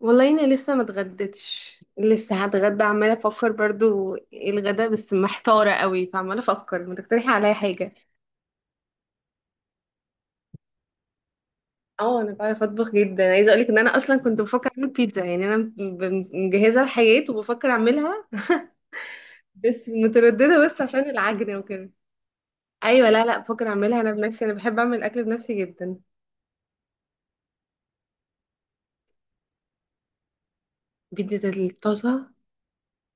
والله انا لسه ما اتغديتش، لسه هتغدى. عماله افكر برضو ايه الغدا، بس محتاره قوي، فعماله افكر. ما تقترحي عليا حاجه؟ اه انا بعرف اطبخ جدا. عايزه اقولك ان انا اصلا كنت بفكر اعمل بيتزا، يعني انا مجهزه الحاجات وبفكر اعملها بس متردده، بس عشان العجن وكده. ايوه، لا لا، بفكر اعملها انا بنفسي، انا بحب اعمل اكل بنفسي جدا. بيتزا الطازه؟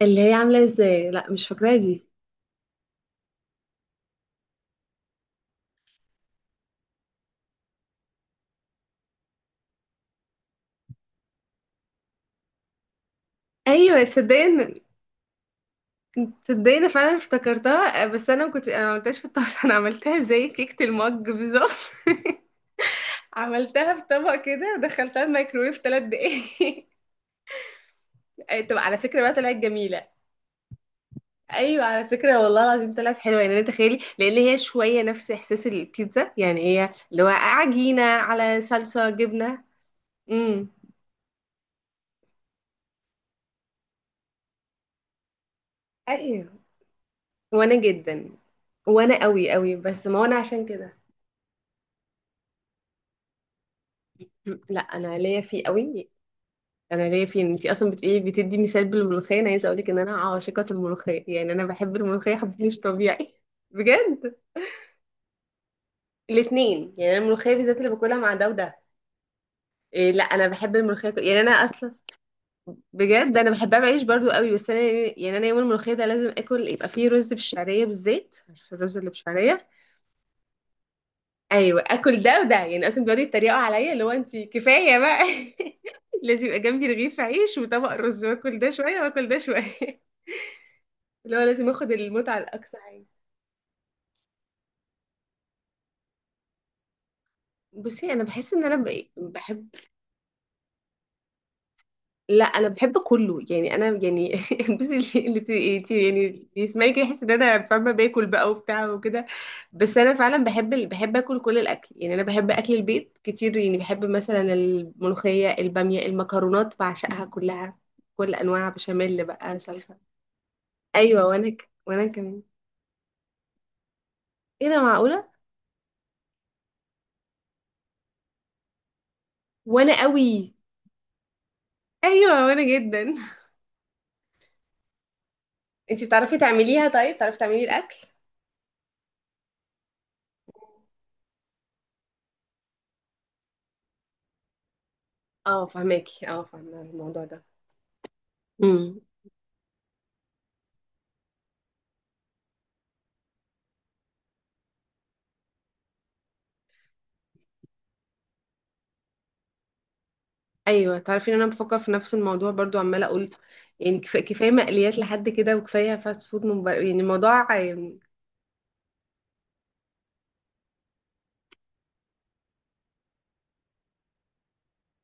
اللي هي عامله ازاي؟ لا مش فاكراها دي. ايوه تصدقي. تصدقني انا فعلا افتكرتها آه، بس انا ما عملتهاش في الطاسه انا عملتها زي كيكه المج بالظبط. عملتها في طبق كده ودخلتها الميكرويف ثلاث دقايق أي، طب على فكره بقى طلعت جميله. ايوه على فكره والله العظيم طلعت حلوه، يعني تخيلي لان هي شويه نفس احساس البيتزا، يعني هي اللي هو عجينه على صلصه جبنه. امم. ايوه وانا جدا. وانا قوي قوي، بس ما هو انا عشان كده. لا انا ليا فيه قوي. انا ليا فين، انتي اصلا ايه بتدي مثال بالملوخيه. انا عايزه اقولك ان انا عاشقه الملوخيه، يعني انا بحب الملوخيه حب مش طبيعي بجد. الاثنين، يعني انا الملوخيه بالذات اللي باكلها مع ده وده. إيه لا انا بحب الملوخيه يعني انا اصلا بجد انا بحبها بعيش برضو قوي. بس انا يعني انا يوم الملوخيه ده لازم اكل يبقى فيه رز بالشعريه بالزيت، عارفه الرز اللي بالشعريه. ايوه اكل ده وده يعني، اصلا بيقعدوا يتريقوا عليا اللي هو انتي كفايه بقى. لازم يبقى جنبي رغيف عيش وطبق رز واكل ده شويه واكل ده شويه. اللي هو لازم اخد المتعة لأقصى حاجة. بصي انا بحس ان انا بحب. لا انا بحب كله، يعني انا يعني بصي اللي يعني اللي يسمعني كده يحس ان انا فاهمه باكل بقى وبتاع وكده. بس انا فعلا بحب بحب اكل كل الاكل، يعني انا بحب اكل البيت كتير، يعني بحب مثلا الملوخيه الباميه المكرونات بعشقها كلها. كل انواع بشاميل بقى صلصه. ايوه وانا كمان. ايه ده معقوله. وانا قوي. ايوه وانا جدا انتي بتعرفي تعمليها؟ طيب بتعرفي تعملي الاكل؟ اه فهماكي، اه فاهمة الموضوع ده. امم. ايوه تعرفي ان انا بفكر في نفس الموضوع برضو، عماله اقول يعني كفايه مقليات لحد كده وكفايه فاست فود من بره، يعني الموضوع آم،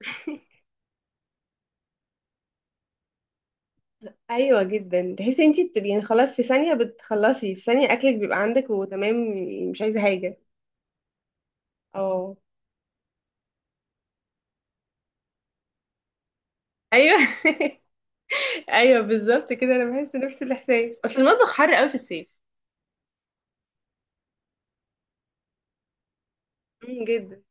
ايوه جدا. تحسي انتي يعني خلاص في ثانيه بتخلصي، في ثانيه اكلك بيبقى عندك وتمام، يعني مش عايزه حاجه. اه. ايوه ايوه بالظبط كده، انا بحس نفس الاحساس، اصل المطبخ حر قوي في الصيف. جدا.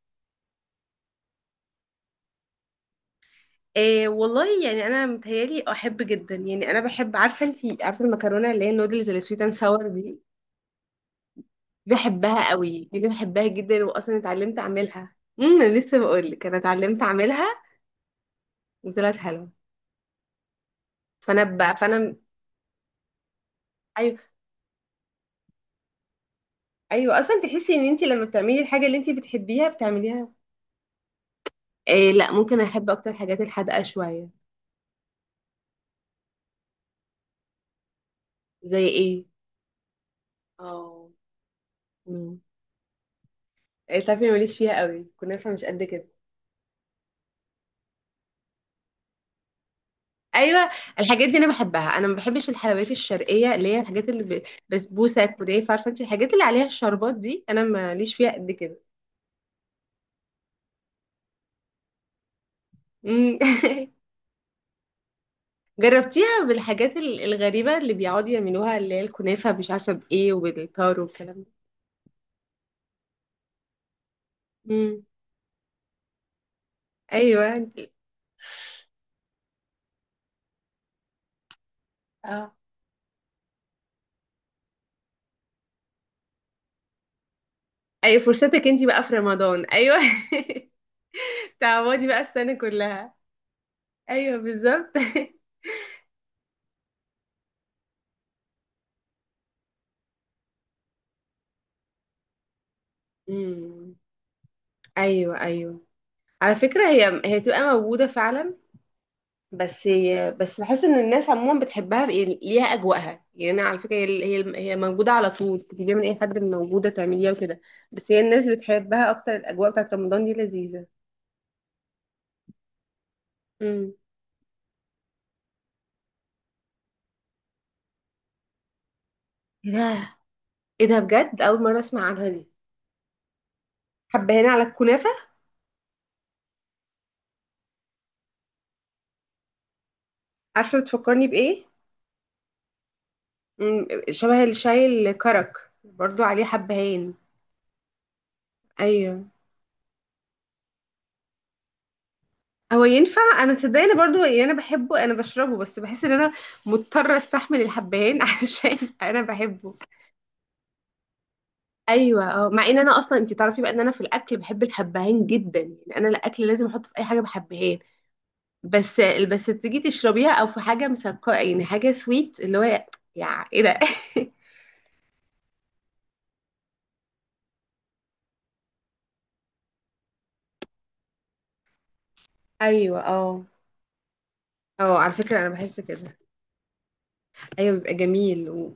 إيه والله، يعني انا متهيالي احب جدا. يعني انا بحب، عارفه انتي عارفه المكرونه اللي هي النودلز اللي سويت اند ساور دي. بحبها قوي دي، بحبها جدا. واصلا اتعلمت اعملها. انا لسه بقول لك انا اتعلمت اعملها وطلعت حلوه، فانا بقى فانا. ايوه ايوه، اصلا تحسي ان انتي لما بتعملي الحاجه اللي انتي بتحبيها بتعمليها. إيه لا ممكن احب اكتر الحاجات الحادقه شويه. زي ايه؟ اه. امم. إيه تعرفي ماليش فيها قوي، كنافه مش قد كده. ايوه الحاجات دي انا بحبها، انا ما بحبش الحلويات الشرقيه اللي هي الحاجات اللي بسبوسه كنافه، عارفه انت الحاجات اللي عليها الشربات دي انا ماليش فيها قد كده. أمم جربتيها بالحاجات الغريبه اللي بيقعدوا يعملوها اللي هي الكنافه مش عارفه بايه وبالتار والكلام ده. أمم. ايوه انت. اه ايوه فرصتك انت بقى في رمضان، ايوه تعودي بقى السنه كلها. ايوه بالظبط أمم. ايوه ايوه. على فكره هي هي تبقى موجوده فعلا. بس، بس بحس ان الناس عموما بتحبها، يعني ليها اجواءها، يعني انا على فكره هي هي هي موجوده على طول، تجيبيها من اي حد، موجوده تعمليها وكده. بس هي الناس بتحبها اكتر، الاجواء بتاعت رمضان دي لذيذه. امم. ايه ده. ايه ده بجد، اول مره اسمع عنها دي. حبه هنا على الكنافه. عارفه بتفكرني بايه؟ مم، شبه الشاي الكرك برضو عليه حبهان. ايوه هو ينفع. انا صدقني برضو، يعني انا بحبه، انا بشربه، بس بحس ان انا مضطره استحمل الحبهان عشان انا بحبه. ايوه اه، مع ان انا اصلا انت تعرفي بقى ان انا في الاكل بحب الحبهان جدا، يعني انا الاكل لازم احط في اي حاجه بحبهان. بس، بس تيجي تشربيها او في حاجه مسكره، يعني حاجه سويت اللي هو يا ايه ده ايوه اه. اه على فكره انا بحس كده. ايوه بيبقى جميل و...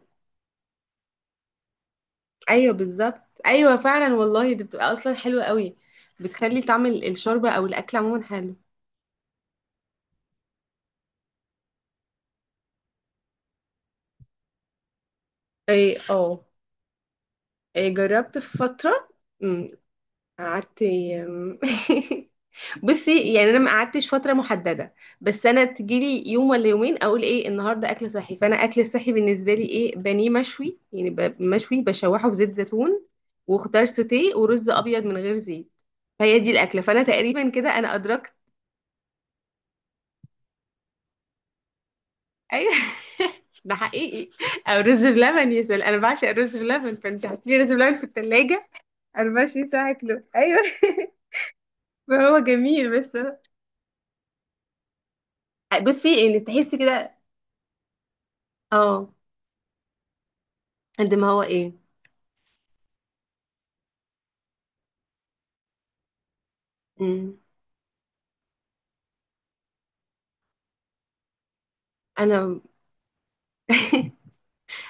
ايوه بالظبط ايوه فعلا والله، دي بتبقى اصلا حلوه قوي. بتخلي طعم الشوربه او الاكل عموما حلو. ايه اه. إيه جربت في فتره. أمم، قعدت أمم، بصي يعني انا ما قعدتش فتره محدده، بس انا تجيلي يوم ولا يومين اقول ايه النهارده اكل صحي. فانا اكل الصحي بالنسبه لي ايه؟ بانيه مشوي، يعني مشوي بشوحه في زيت زيتون وخضار سوتيه ورز ابيض من غير زيت، فهي دي الاكله، فانا تقريبا كده انا ادركت. ايوه ده حقيقي. او رز بلبن يا سلام، انا بعشق الرز بلبن، فانت هتلاقي رز بلبن في الثلاجه 24 ساعه كله، ايوه فهو جميل بس. بصي يعني تحسي كده. اه قد ما هو. ايه انا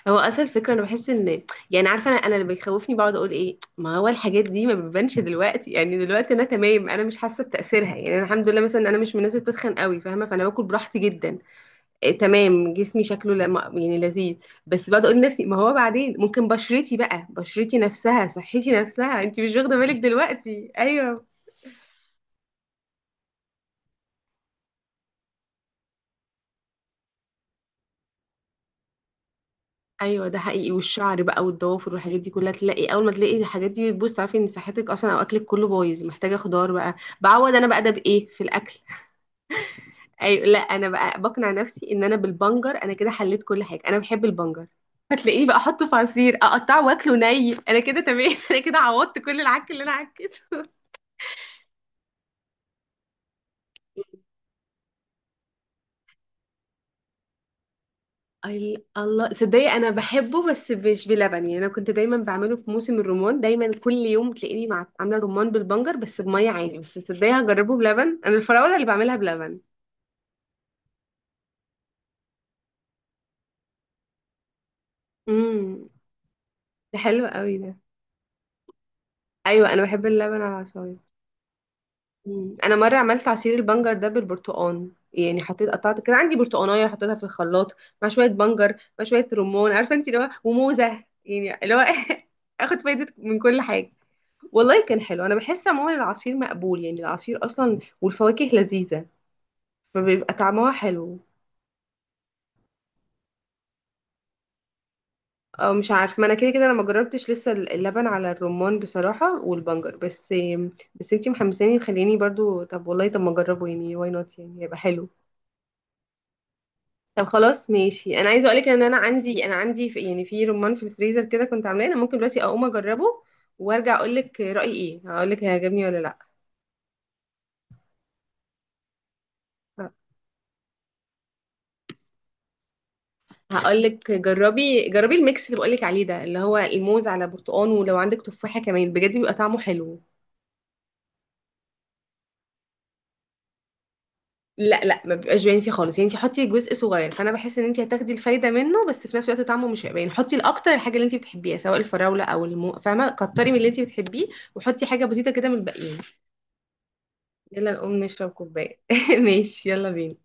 هو اصل الفكره انا بحس ان، يعني عارفه انا اللي بيخوفني بقعد اقول ايه، ما هو الحاجات دي ما بتبانش دلوقتي، يعني دلوقتي انا تمام، انا مش حاسه بتاثيرها، يعني انا الحمد لله مثلا انا مش من الناس اللي بتتخن قوي، فاهمه، فانا باكل براحتي جدا. إيه تمام، جسمي شكله لا، يعني لذيذ. بس بقعد اقول لنفسي ما هو بعدين ممكن بشرتي بقى، بشرتي نفسها، صحتي نفسها، انت مش واخده بالك دلوقتي. ايوه. ايوه ده حقيقي، والشعر بقى والضوافر والحاجات دي كلها تلاقي، اول ما تلاقي الحاجات دي بتبوظ تعرفي ان صحتك اصلا او اكلك كله بايظ، محتاجه خضار بقى بعوض. انا بقى ده بايه في الاكل. ايوه لا انا بقى بقنع نفسي ان انا بالبنجر انا كده حليت كل حاجه، انا بحب البنجر. هتلاقيه بقى احطه في عصير، اقطعه واكله ني، انا كده تمام انا كده عوضت كل العك اللي انا عكيته. الله صدقني انا بحبه بس مش بلبن، يعني انا كنت دايما بعمله في موسم الرمان، دايما كل يوم تلاقيني عامله رمان بالبنجر بس بميه عادي. بس صدقني هجربه بلبن، انا الفراوله اللي بعملها بلبن. امم. ده حلو قوي ده. ايوه انا بحب اللبن على العصاير. مم، انا مره عملت عصير البنجر ده بالبرتقال، يعني حطيت قطعت كده عندي برتقانيه حطيتها في الخلاط مع شويه بنجر مع شويه رمان، عارفه انت اللي هو وموزه يعني اللي هو اخد فايده من كل حاجه. والله كان حلو. انا بحس عموما العصير مقبول، يعني العصير اصلا والفواكه لذيذه فبيبقى طعمها حلو. أو مش عارف، ما انا كده كده انا ما جربتش لسه اللبن على الرمان بصراحه، والبنجر بس. بس انتي محمساني، خليني برضو. طب والله طب ما اجربه يعني، واي نوت، يعني هيبقى حلو. طب خلاص ماشي. انا عايزه اقولك ان انا عندي في، يعني في رمان في الفريزر كده كنت عاملاه، انا ممكن دلوقتي اقوم اجربه وارجع اقولك رايي ايه، هقولك هيعجبني ولا لا. هقولك جربي جربي الميكس اللي بقولك عليه ده اللي هو الموز على برتقان، ولو عندك تفاحة كمان بجد بيبقى طعمه حلو. لا لا ما بيبقاش باين فيه خالص، يعني انت حطي جزء صغير، فانا بحس ان انت هتاخدي الفايده منه بس في نفس الوقت طعمه مش هيبقى باين. حطي الاكتر الحاجه اللي انت بتحبيها سواء الفراوله او المو، فاهمه، كتري من اللي انت بتحبيه وحطي حاجه بسيطه كده من الباقيين. يلا نقوم نشرب كوبايه ماشي يلا بينا.